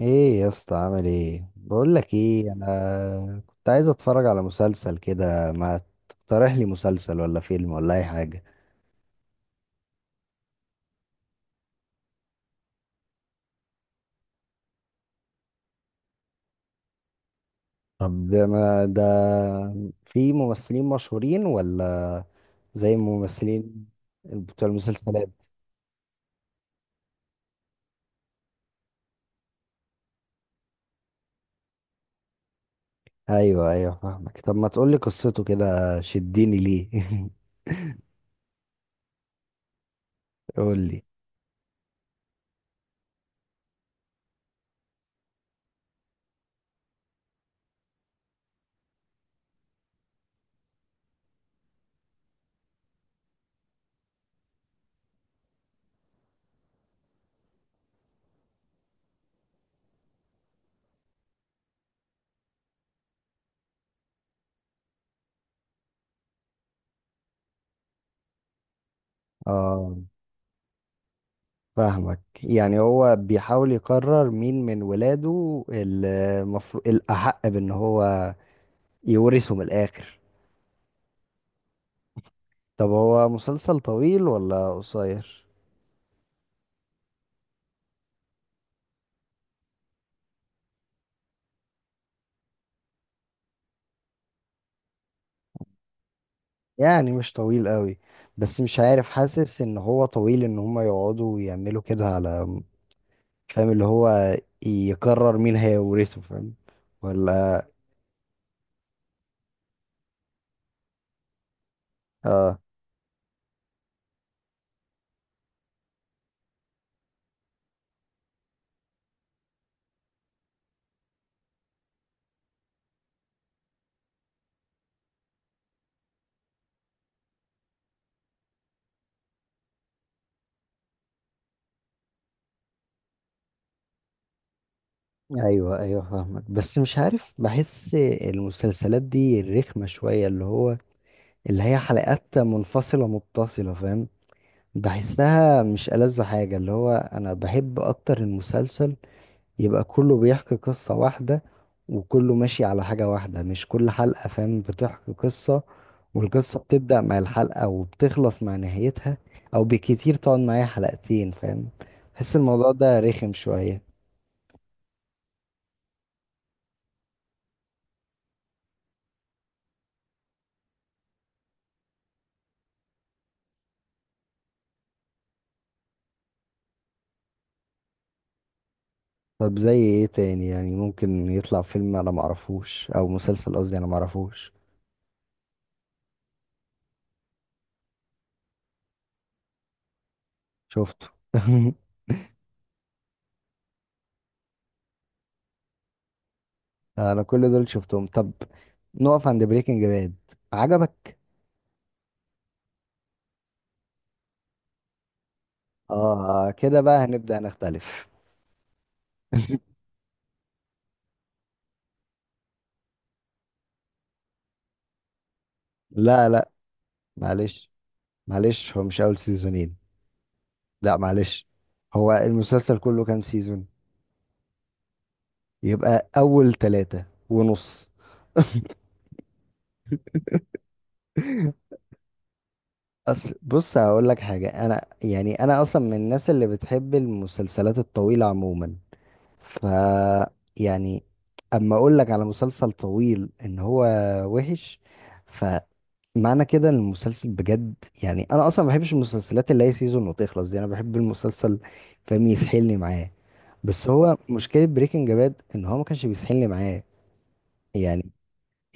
ايه يا اسطى، عامل ايه؟ بقول لك ايه، انا كنت عايز اتفرج على مسلسل كده، ما تقترح لي مسلسل ولا فيلم ولا اي حاجه؟ طب ما ده، في ممثلين مشهورين ولا زي الممثلين بتوع المسلسلات؟ ايوه ايوه، فاهمك. طب ما تقول لي قصته كده، شديني ليه؟ قول لي. اه، فاهمك. يعني هو بيحاول يقرر مين من ولاده المفروض الأحق بأن هو يورثه من الآخر. طب هو مسلسل طويل ولا قصير؟ يعني مش طويل قوي، بس مش عارف، حاسس ان هو طويل ان هما يقعدوا يعملوا كده على. فاهم اللي هو يقرر مين هيورثه، فاهم ولا؟ اه. ايوه ايوه، فاهمك. بس مش عارف، بحس المسلسلات دي رخمة شوية، اللي هي حلقات منفصلة متصلة، فاهم. بحسها مش ألذ حاجة، اللي هو انا بحب اكتر المسلسل يبقى كله بيحكي قصة واحدة، وكله ماشي على حاجة واحدة، مش كل حلقة فاهم بتحكي قصة، والقصة بتبدأ مع الحلقة وبتخلص مع نهايتها، أو بكتير تقعد معايا حلقتين. فاهم، بحس الموضوع ده رخم شوية. طب زي ايه تاني؟ يعني ممكن يطلع فيلم أنا معرفوش، أو مسلسل قصدي، أنا معرفوش. شفته. أنا كل دول شفتهم. طب نقف عند بريكنج باد، عجبك؟ اه، كده بقى هنبدأ نختلف. لا لا، معلش معلش، هو مش اول سيزونين، لا معلش. هو المسلسل كله كام سيزون؟ يبقى اول 3.5. أصل بص هقول لك حاجة، أنا أصلا من الناس اللي بتحب المسلسلات الطويلة عموما، ف، يعني أما أقول لك على مسلسل طويل إن هو وحش، فمعنى كده إن المسلسل بجد، يعني أنا أصلا ما بحبش المسلسلات اللي هي سيزون وتخلص دي، أنا بحب المسلسل فاهم، يسحلني معاه. بس هو مشكلة بريكنج باد ان هو ما كانش بيسحلني معاه. يعني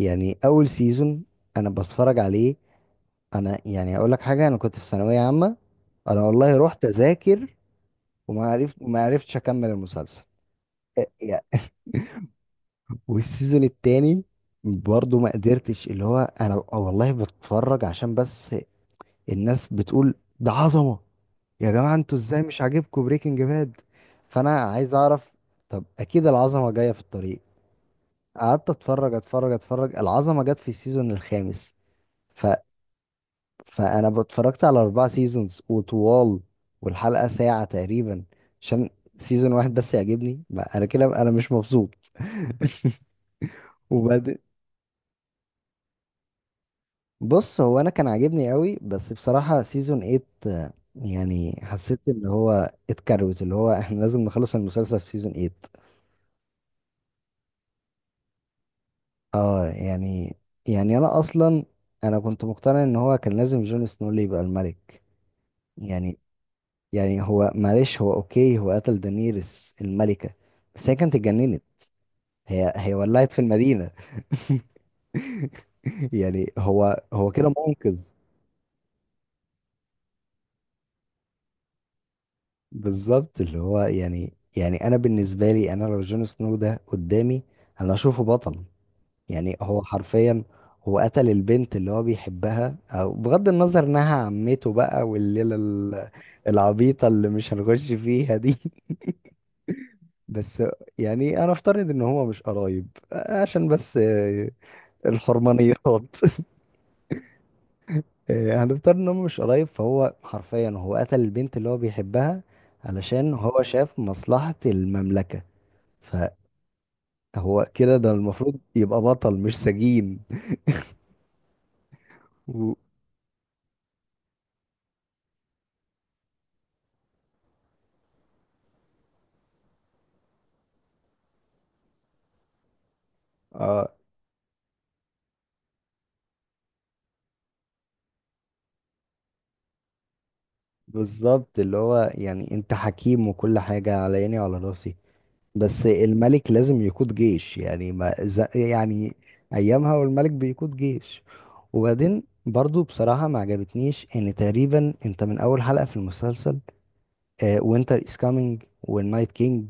يعني اول سيزون، انا بتفرج عليه، انا يعني اقول لك حاجة، انا كنت في ثانوية عامة، انا والله رحت اذاكر وما عرفت ما عرفتش اكمل المسلسل. يا- والسيزون التاني برضه ما قدرتش، اللي هو انا والله بتفرج عشان بس الناس بتقول ده عظمة، يا جماعة انتوا ازاي مش عاجبكم بريكنج باد؟ فانا عايز اعرف. طب اكيد العظمة جاية في الطريق، قعدت اتفرج اتفرج اتفرج، العظمه جت في السيزون الخامس. ف... فانا اتفرجت على 4 سيزونز وطوال، والحلقه ساعه تقريبا، عشان سيزون واحد بس يعجبني، ما انا كده انا مش مبسوط. وبعد، بص هو انا كان عاجبني قوي، بس بصراحه سيزون 8 يعني حسيت ان هو اتكروت، اللي هو احنا لازم نخلص المسلسل في سيزون 8. اه، يعني انا اصلا كنت مقتنع ان هو كان لازم جون سنو اللي يبقى الملك. يعني يعني هو معلش، هو اوكي، هو قتل دانيرس الملكة، بس هي كانت اتجننت، هي ولعت في المدينة. يعني هو كده منقذ. بالظبط اللي هو، يعني انا بالنسبة لي، انا لو جون سنو ده قدامي، انا اشوفه بطل. يعني هو حرفيا قتل البنت اللي هو بيحبها، او بغض النظر انها عمته بقى، والليلة العبيطة اللي مش هنخش فيها دي. بس يعني انا افترض ان هو مش قرايب عشان بس، الحرمانيات. هنفترض ان هو مش قرايب، فهو حرفيا قتل البنت اللي هو بيحبها علشان هو شاف مصلحة المملكة، فهو كده ده المفروض يبقى بطل مش سجين. و- اه، بالظبط. اللي هو يعني انت حكيم وكل حاجة على عيني وعلى راسي، بس الملك لازم يقود جيش، يعني ما ز- يعني ايامها والملك بيقود جيش. وبعدين برضو بصراحة ما عجبتنيش ان تقريبا انت من اول حلقة في المسلسل وينتر از كامينج، والنايت كينج،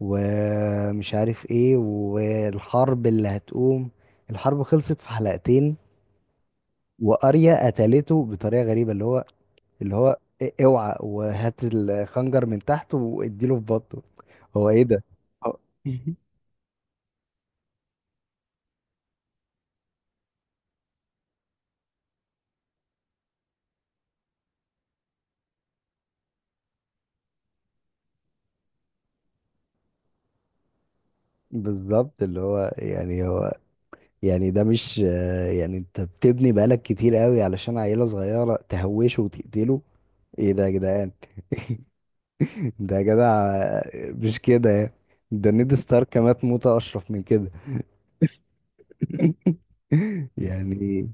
ومش عارف ايه، والحرب اللي هتقوم، الحرب خلصت في حلقتين. واريا قتلته بطريقة غريبة. اللي هو اوعى وهات الخنجر من تحت واديله في بطنه. هو ايه ده؟ هو- بالظبط، اللي هو يعني هو يعني ده مش، يعني انت بتبني بقالك كتير قوي علشان عيلة صغيرة تهوشه وتقتله. ايه ده يا جدعان؟ ده يا جدع، مش كده يعني. ده نيد ستارك مات موتة اشرف من كده. يعني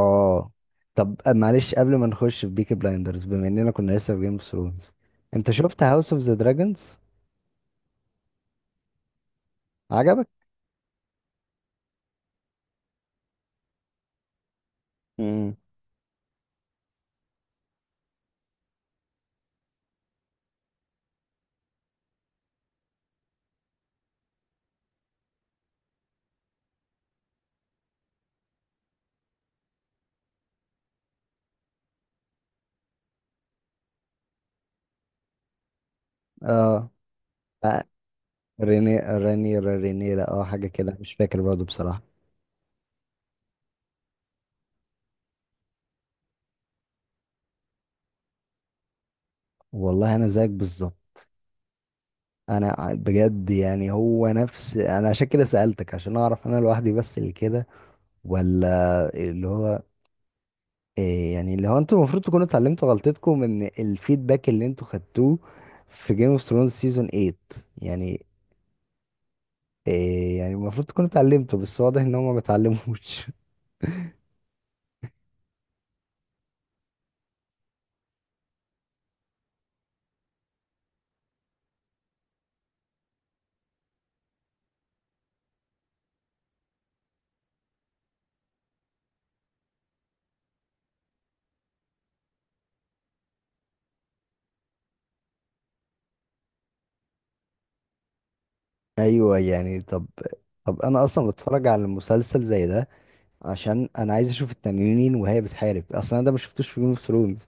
اه، طب معلش قبل ما نخش في بيكي بلايندرز، بما اننا كنا لسه في جيم اوف ثرونز، انت شفت هاوس اوف ذا دراجونز؟ عجبك؟ امم، اه، ريني رانيرا رينيرا، اه، حاجة كده، مش فاكر برضه بصراحة. والله أنا زيك بالظبط. أنا بجد، يعني هو نفس، أنا عشان كده سألتك عشان أعرف أنا لوحدي بس اللي كده، ولا؟ اللي هو إيه يعني، اللي هو أنتوا المفروض تكونوا اتعلمتوا غلطتكم من الفيدباك اللي أنتوا خدتوه في جيم اوف ثرونز سيزون 8، يعني إيه يعني المفروض تكونوا اتعلمتوا بس واضح إن هما ما اتعلموش. أيوه يعني، طب طب، أنا أصلا بتفرج على مسلسل زي ده عشان انا عايز اشوف التنانين وهي بتحارب اصلا، انا ده ما شفتوش في جيم اوف ثرونز،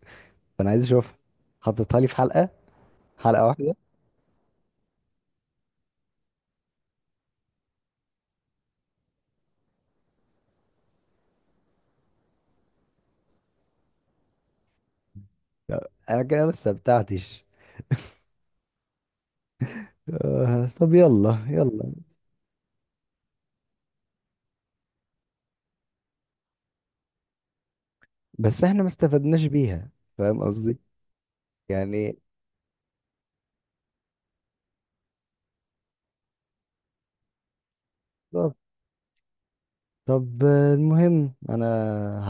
فانا عايز اشوفها، حطيتها لي في حلقه، حلقه واحده. انا كده ما استمتعتش، طب يلا يلا. بس احنا ما استفدناش بيها، فاهم قصدي. يعني طب طب، المهم انا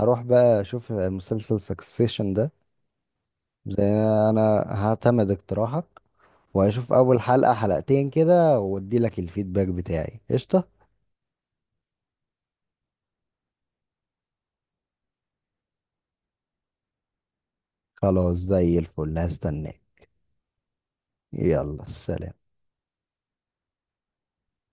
هروح بقى اشوف مسلسل سكسيشن ده، زي، انا هعتمد اقتراحك، وهشوف اول حلقة حلقتين كده وادي لك الفيدباك بتاعي، قشطة. خلاص زي الفل، هستناك. يلا، سلام.